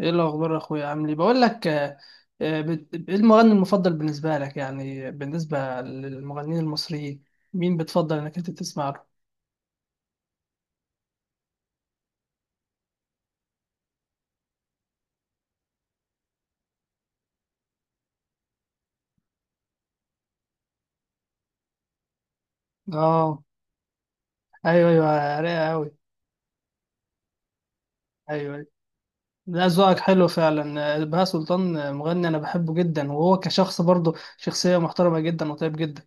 ايه الاخبار يا اخويا، عامل ايه؟ بقول لك ايه المغني المفضل بالنسبه لك؟ يعني بالنسبه للمغنيين المصريين مين بتفضل انك انت تسمع له؟ اه، ايوه ايوه، رايقه قوي. ايوه أيوة. لا، ذوقك حلو فعلا. بهاء سلطان مغني انا بحبه جدا، وهو كشخص برضه شخصيه محترمه جدا وطيب جدا.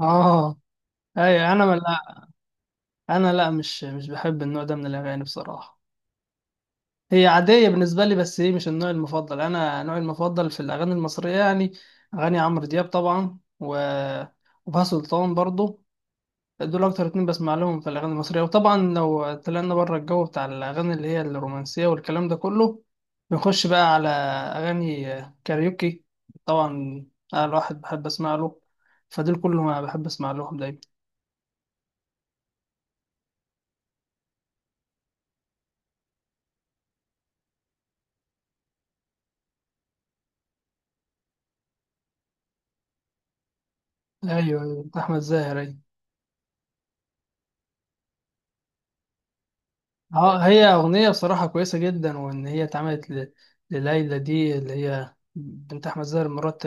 اه، ايوه، انا لا، مش بحب النوع ده من الاغاني بصراحه. هي عادية بالنسبة لي، بس هي مش النوع المفضل. أنا نوعي المفضل في الأغاني المصرية يعني أغاني عمرو دياب طبعا، وبهاء سلطان برضو. دول أكتر اتنين بسمع لهم في الأغاني المصرية. وطبعا لو طلعنا بره الجو بتاع الأغاني اللي هي الرومانسية والكلام ده كله، بنخش بقى على أغاني كاريوكي طبعا أنا الواحد بحب أسمع له. فدول كلهم أنا بحب أسمع لهم دايما. أيوه أيوة، أحمد زاهر أيوة. اه، هي أغنية بصراحة كويسة جدا، وإن هي اتعملت لليلى دي اللي هي بنت أحمد زاهر مرات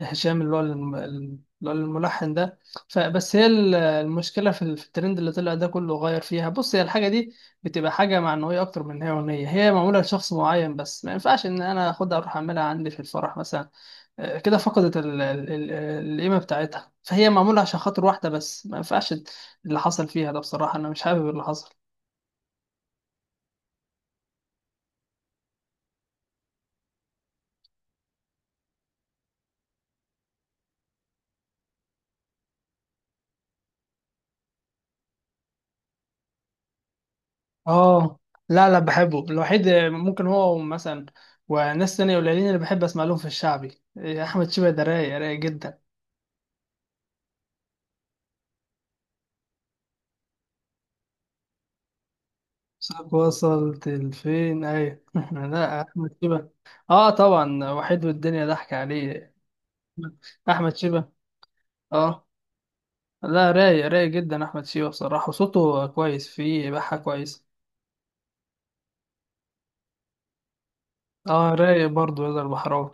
هشام، اللي هو الملحن ده. فبس هي المشكلة في في الترند اللي طلع ده كله غير فيها. بص، هي الحاجة دي بتبقى حاجة معنوية أكتر من إن هي أغنية هي معمولة لشخص معين، بس ما ينفعش إن أنا أخدها أروح أعملها عندي في الفرح مثلا. كده فقدت القيمة بتاعتها. فهي معمولة عشان خاطر واحدة، بس ما ينفعش اللي حصل فيها ده. بصراحة أنا مش حابب اللي حصل. اه، لا لا، بحبه. الوحيد ممكن هو مثلا، وناس تانية قليلين، اللي بحب اسمع لهم في الشعبي، إيه، احمد شيبة ده رايق رايق جدا. صاحب وصلت لفين، ايوه. لا، احمد شيبة، اه طبعا. وحيد والدنيا ضحك عليه. احمد شيبة. اه، لا رايق رايق جدا، احمد شيبة بصراحة. صوته كويس، فيه بحة كويس. اه، رايق برضه يقدر البحراوي.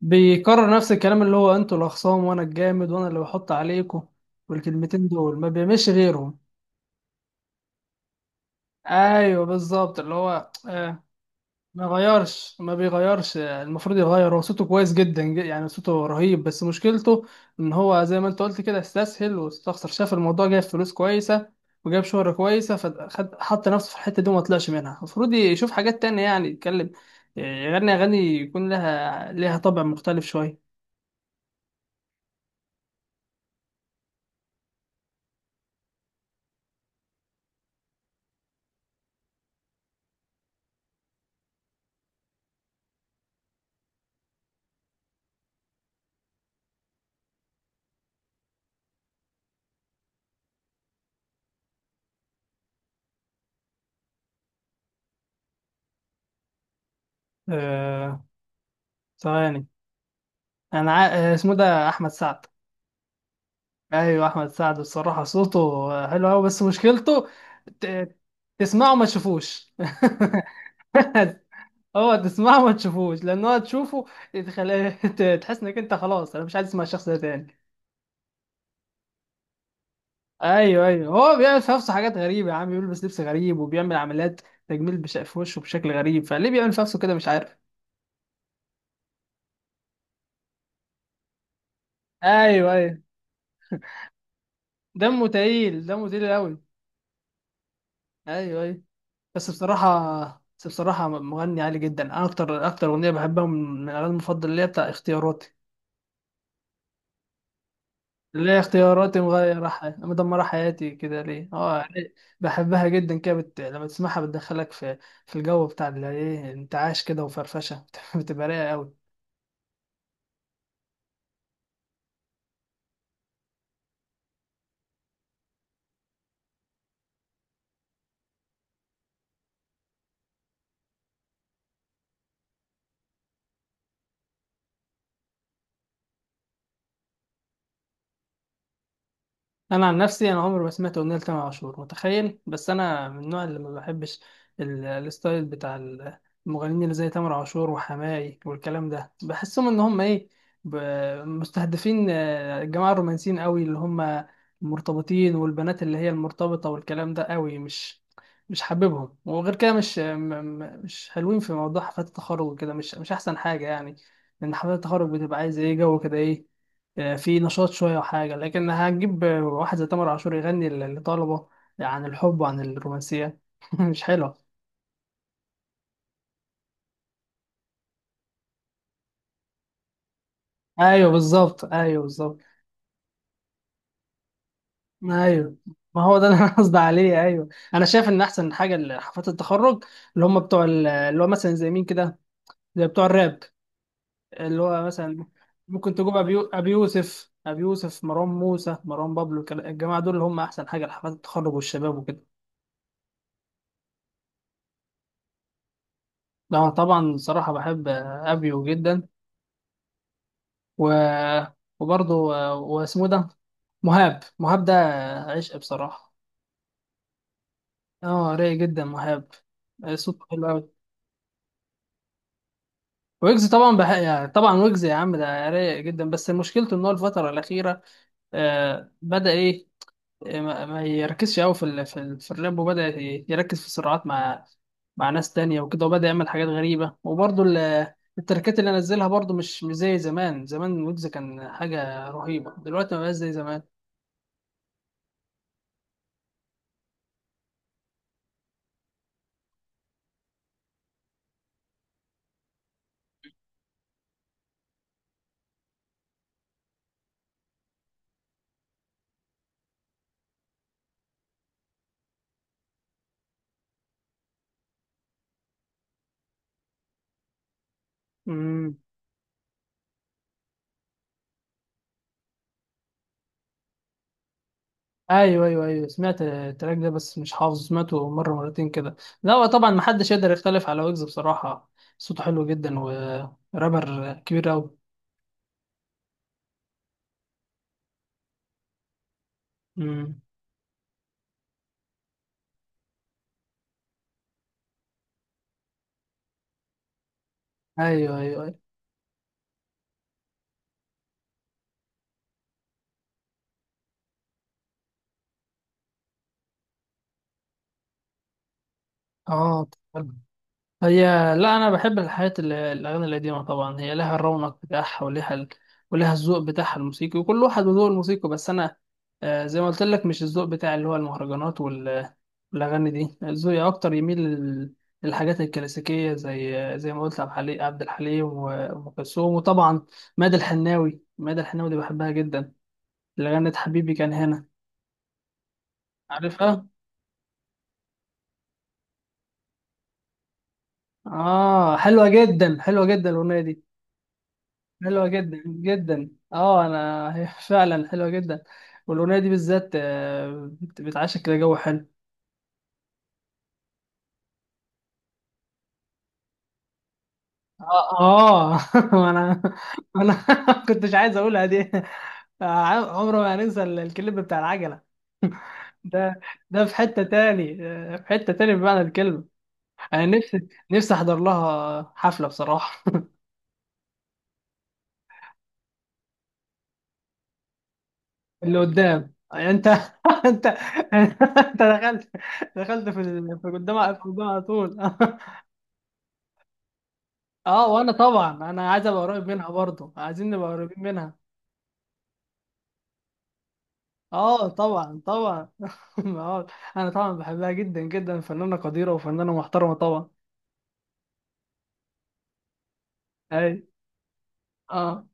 بيكرر نفس الكلام، اللي هو انتوا الاخصام، وانا الجامد، وانا اللي بحط عليكم. والكلمتين دول ما بيعملش غيرهم. ايوه بالظبط، اللي هو ما بيغيرش. المفروض يغير، هو صوته كويس جدا، يعني صوته رهيب. بس مشكلته ان هو زي ما انت قلت كده استسهل واستخسر. شاف الموضوع جايب فلوس كويسه وجاب شهرة كويسه، فخد حط نفسه في الحته دي وما طلعش منها. المفروض يشوف حاجات تانية، يعني يتكلم، يغني اغاني يكون لها لها طابع مختلف شويه. آه ثواني، انا عا- آه، اسمه ده احمد سعد. ايوه، احمد سعد الصراحه صوته حلو قوي، بس مشكلته ت- تسمعه ما تشوفوش. هو تسمعه ما تشوفوش لان هو تشوفه، تحس انك انت خلاص انا مش عايز اسمع الشخص ده تاني. ايوه ايوه، هو بيعمل في نفسه حاجات غريبه يا عم، بيلبس لبس غريب وبيعمل عمليات تجميل في وشه بشكل غريب. فليه بيعمل في نفسه كده مش عارف. ايوه ايوه، دمه تقيل دمه تقيل قوي. ايوه ايوه. بس بصراحة مغني عالي جدا. أنا أكتر أغنية بحبها من الأغاني المفضلة اللي هي بتاع اختياراتي، اللي هي اختياراتي، مدمرة حياتي كده ليه، اه يعني. بحبها جدا كده، لما تسمعها بتدخلك في الجو بتاع اللي ايه، انتعاش كده وفرفشة. بتبقى رايقة أوي. انا عن نفسي انا عمري ما سمعت اغنيه لتامر عاشور، متخيل. بس انا من النوع اللي ما بحبش الستايل بتاع المغنيين اللي زي تامر عاشور وحماقي والكلام ده، بحسهم ان هم ايه، ب- مستهدفين الجماعه الرومانسيين قوي اللي هم المرتبطين، والبنات اللي هي المرتبطه والكلام ده قوي. مش حاببهم. وغير كده مش م- م- مش حلوين في موضوع حفلات التخرج وكده. مش احسن حاجه يعني. لان حفلات التخرج بتبقى عايزه ايه، جو كده، ايه، في نشاط شوية وحاجة. لكن هتجيب واحد زي تامر عاشور يغني لطلبة عن الحب وعن الرومانسية؟ مش حلوة. أيوه بالظبط، أيوه بالظبط. أيوه، ما هو ده اللي أنا قصدي عليه. أيوه، أنا شايف إن أحسن حاجة لحفلات التخرج اللي هم بتوع اللي هو مثلا زي مين كده، زي بتوع الراب، اللي هو مثلا ممكن تجيب أبي يوسف، مروان موسى، مروان بابلو، الجماعة دول اللي هم أحسن حاجة لحفلات التخرج والشباب وكده. لا طبعا، صراحة بحب أبيو جدا، و... وبرضه، واسمه إيه ده، مهاب، مهاب ده عشق بصراحة. اه، رايق جدا مهاب، صوته حلو قوي. ويجز طبعا يعني طبعا ويجز يا عم ده رايق جدا، بس مشكلته ان هو الفترة الأخيرة بدأ ايه، ما يركزش قوي في الراب. وبدأ يركز في الصراعات مع مع ناس تانية وكده، وبدأ يعمل حاجات غريبة. وبرضه التركات اللي نزلها برضه مش زي زمان. زمان ويجز كان حاجة رهيبة، دلوقتي ما بقاش زي زمان. مم. ايوه ايوه ايوه، سمعت التراك ده بس مش حافظه، سمعته مره مرتين كده. لا هو طبعا محدش يقدر يختلف على ويجز بصراحه، صوته حلو جدا ورابر كبير قوي. امم. ايوه ايوه ايوه. اه هي، لا انا بحب الاغاني القديمه طبعا، هي لها الرونق بتاعها، ولها الذوق بتاعها الموسيقي، وكل واحد وذوق الموسيقى. بس انا زي ما قلت لك، مش الذوق بتاع اللي هو المهرجانات والاغاني دي، ذوقي اكتر يميل للحاجات الكلاسيكيه، زي ما قلت، عبد الحليم وام كلثوم، وطبعا مادة الحناوي دي بحبها جدا، اللي غنت حبيبي كان هنا. عارفها؟ اه، حلوه جدا حلوه جدا الاغنيه دي، حلوة جدا جدا. اه، انا هي فعلا حلوة جدا. والاغنية دي بالذات، بتعشق كده جو حلو. اه آه. انا انا كنتش عايز اقولها دي. آه، عمره ما هننسى الكليب بتاع العجلة. ده ده في حتة تاني، في حتة تاني بمعنى الكلمة. انا نفسي احضر لها حفلة بصراحة. اللي قدام انت انت انت دخلت دخلت في في قدام في قدام على طول اه، وانا طبعا انا عايز ابقى قريب منها برضه، عايزين نبقى قريبين منها. اه، طبعا طبعا. آه، انا طبعا بحبها جدا جدا، فنانة قديرة وفنانة محترمة طبعا. اي، اه،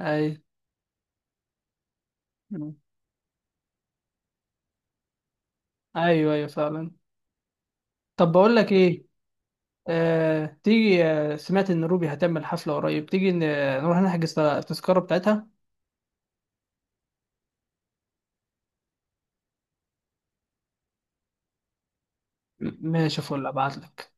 اي. مم. ايوه ايوه فعلا. طب بقول لك ايه، تيجي، سمعت ان روبي هتعمل حفلة قريب، تيجي نروح نحجز التذكرة بتاعتها. ماشي، فل ابعت لك.